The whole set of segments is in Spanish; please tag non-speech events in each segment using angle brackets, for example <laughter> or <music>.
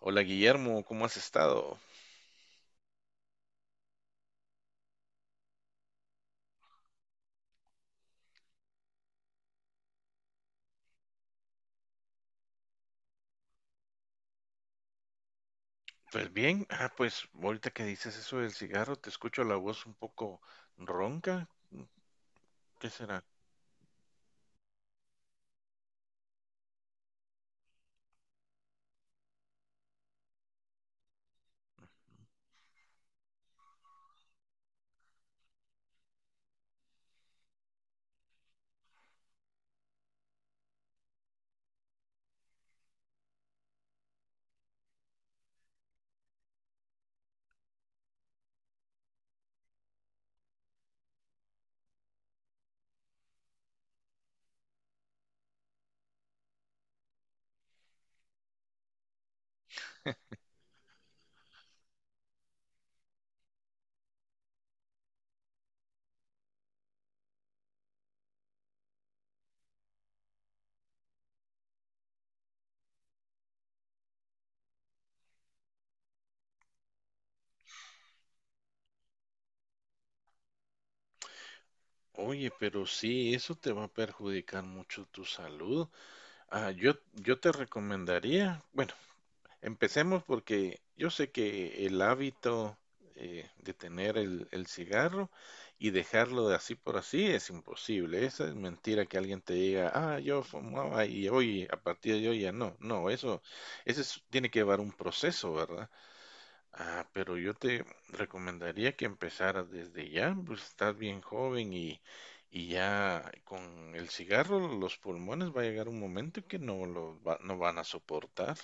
Hola Guillermo, ¿cómo has estado? Pues bien, pues ahorita que dices eso del cigarro, te escucho la voz un poco ronca. ¿Qué será? Oye, pero sí, eso te va a perjudicar mucho tu salud. Ah, yo te recomendaría, bueno, empecemos porque yo sé que el hábito de tener el cigarro y dejarlo de así por así es imposible. Esa es mentira que alguien te diga, ah, yo fumaba y hoy, a partir de hoy ya no. No, tiene que llevar un proceso, ¿verdad? Ah, pero yo te recomendaría que empezaras desde ya, pues estás bien joven y ya con el cigarro los pulmones va a llegar un momento que no van a soportar.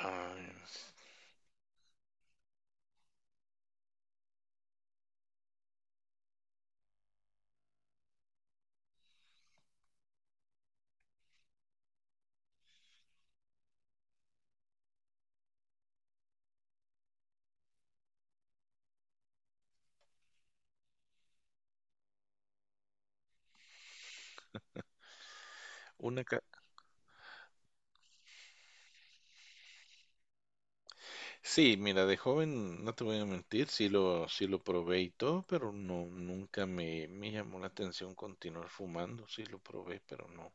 Ah, Una ca- sí, mira, de joven, no te voy a mentir, sí lo probé y todo, pero no, nunca me, me llamó la atención continuar fumando, sí lo probé, pero no.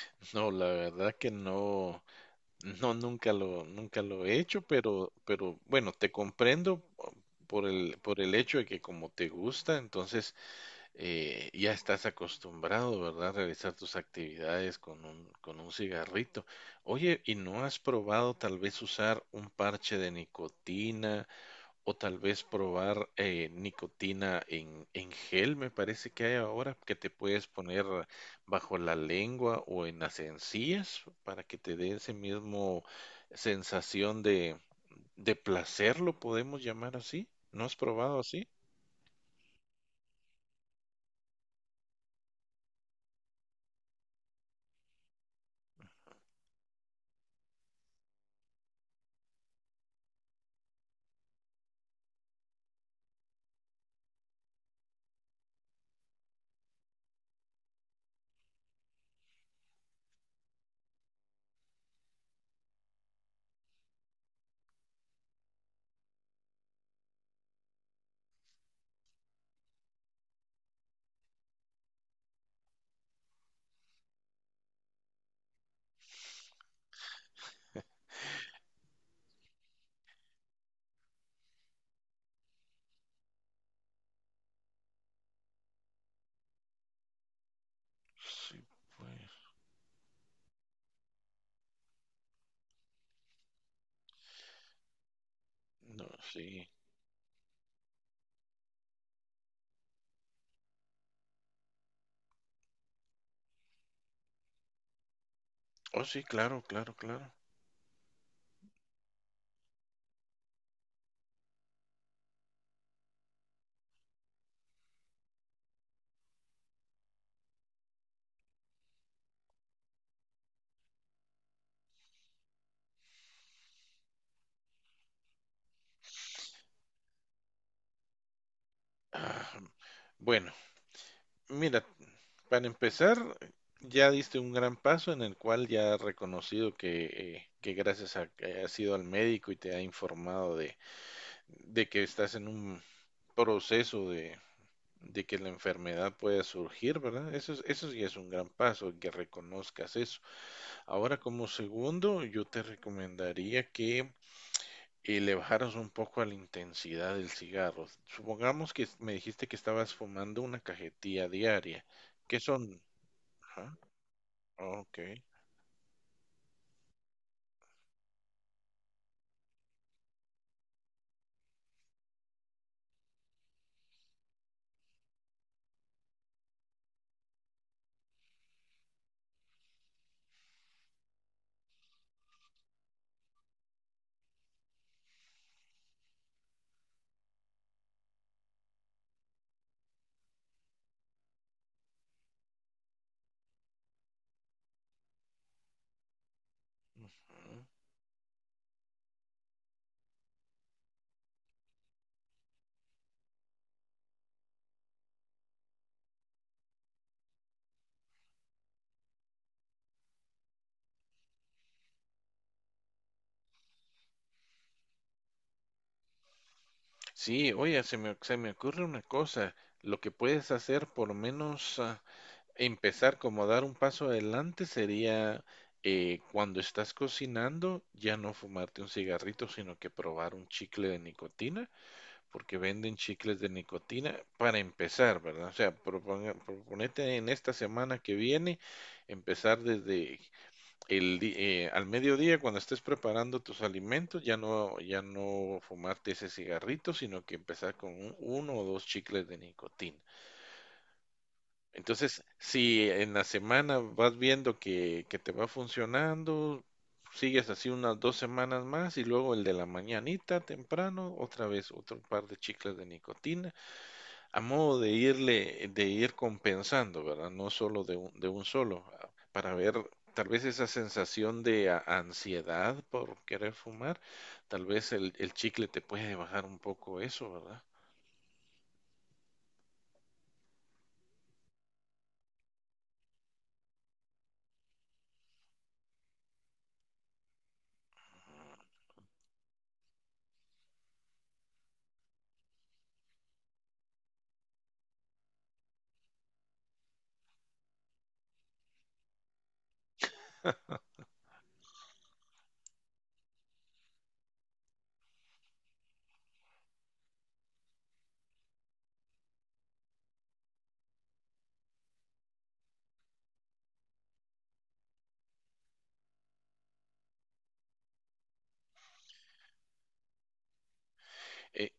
<laughs> No, la verdad que no, no, nunca lo he hecho, pero bueno, te comprendo por por el hecho de que como te gusta, entonces ya estás acostumbrado, ¿verdad? A realizar tus actividades con con un cigarrito. Oye, ¿y no has probado tal vez usar un parche de nicotina o tal vez probar nicotina en gel? Me parece que hay ahora que te puedes poner bajo la lengua o en las encías para que te dé ese mismo sensación de, de placer, lo podemos llamar así. ¿No has probado así? Sí, pues. No, sí. Oh, sí, claro, claro, claro. Ah, bueno, mira, para empezar, ya diste un gran paso en el cual ya has reconocido que gracias a que has ido al médico y te ha informado de que estás en un proceso de que la enfermedad pueda surgir, ¿verdad? Eso ya es un gran paso, que reconozcas eso. Ahora, como segundo, yo te recomendaría que y le bajaras un poco a la intensidad del cigarro. Supongamos que me dijiste que estabas fumando una cajetilla diaria. ¿Qué son? Ajá, ok. Ujú. Sí, se me ocurre una cosa. Lo que puedes hacer, por menos empezar como dar un paso adelante, sería cuando estás cocinando, ya no fumarte un cigarrito, sino que probar un chicle de nicotina porque venden chicles de nicotina para empezar, ¿verdad? O sea, proponete en esta semana que viene empezar desde al mediodía cuando estés preparando tus alimentos, ya no fumarte ese cigarrito, sino que empezar con uno o dos chicles de nicotina. Entonces, si en la semana vas viendo que te va funcionando, sigues así unas dos semanas más y luego el de la mañanita temprano, otra vez otro par de chicles de nicotina a modo de irle, de ir compensando, ¿verdad? No solo de de un solo, ah, para ver tal vez esa sensación de ansiedad por querer fumar, tal vez el chicle te puede bajar un poco eso, ¿verdad? Eh,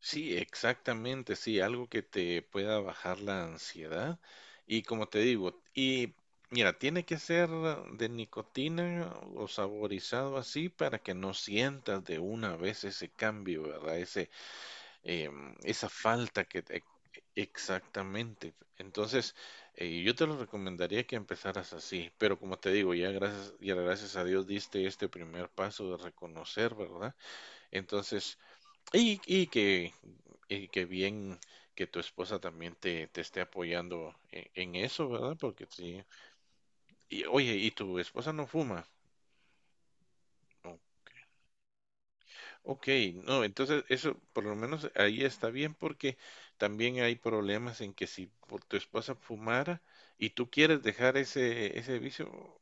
sí, exactamente, sí, algo que te pueda bajar la ansiedad. Y como te digo, mira, tiene que ser de nicotina o saborizado así para que no sientas de una vez ese cambio, ¿verdad? Ese, em, esa falta que te- exactamente. Entonces, yo te lo recomendaría que empezaras así, pero como te digo, ya gracias a Dios diste este primer paso de reconocer, ¿verdad? Entonces, y, y que, y que bien que tu esposa también te esté apoyando en eso, ¿verdad? Porque sí. Y, oye, ¿y tu esposa no fuma? No. Ok, no, entonces eso por lo menos ahí está bien porque también hay problemas en que si por tu esposa fumara y tú quieres dejar ese vicio,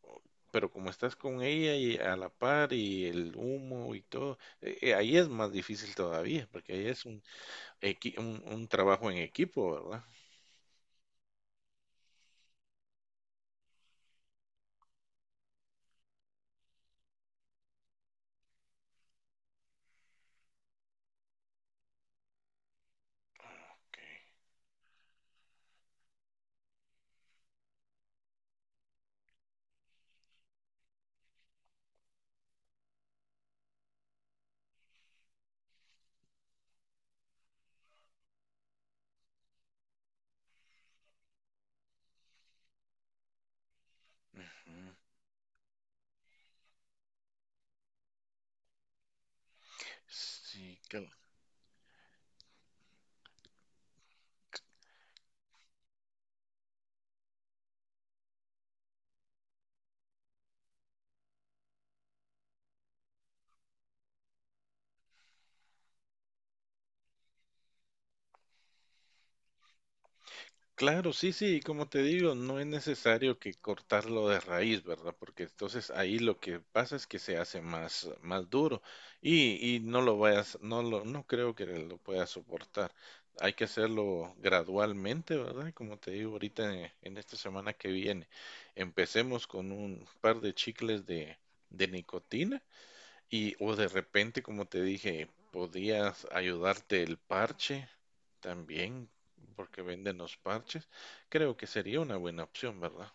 pero como estás con ella y a la par y el humo y todo, ahí es más difícil todavía porque ahí es un trabajo en equipo, ¿verdad? Ok, mm, sí, claro. Claro, sí, sí, y como te digo, no es necesario que cortarlo de raíz, ¿verdad? Porque entonces ahí lo que pasa es que se hace más, más duro y no lo vayas, no lo, no creo que lo puedas soportar. Hay que hacerlo gradualmente, ¿verdad? Como te digo ahorita en esta semana que viene, empecemos con un par de chicles de nicotina y o de repente, como te dije, podías ayudarte el parche también, porque venden los parches. Creo que sería una buena opción, ¿verdad?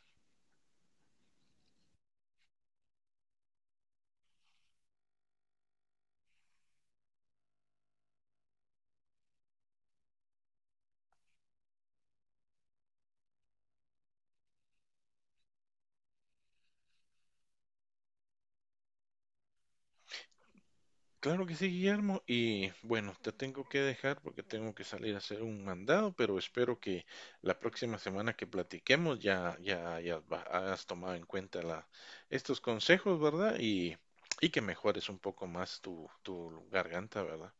Claro que sí, Guillermo. Y bueno, te tengo que dejar porque tengo que salir a hacer un mandado, pero espero que la próxima semana que platiquemos hayas tomado en cuenta estos consejos, ¿verdad? Y que mejores un poco más tu garganta, ¿verdad?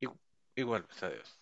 Igu- Igual, pues, adiós.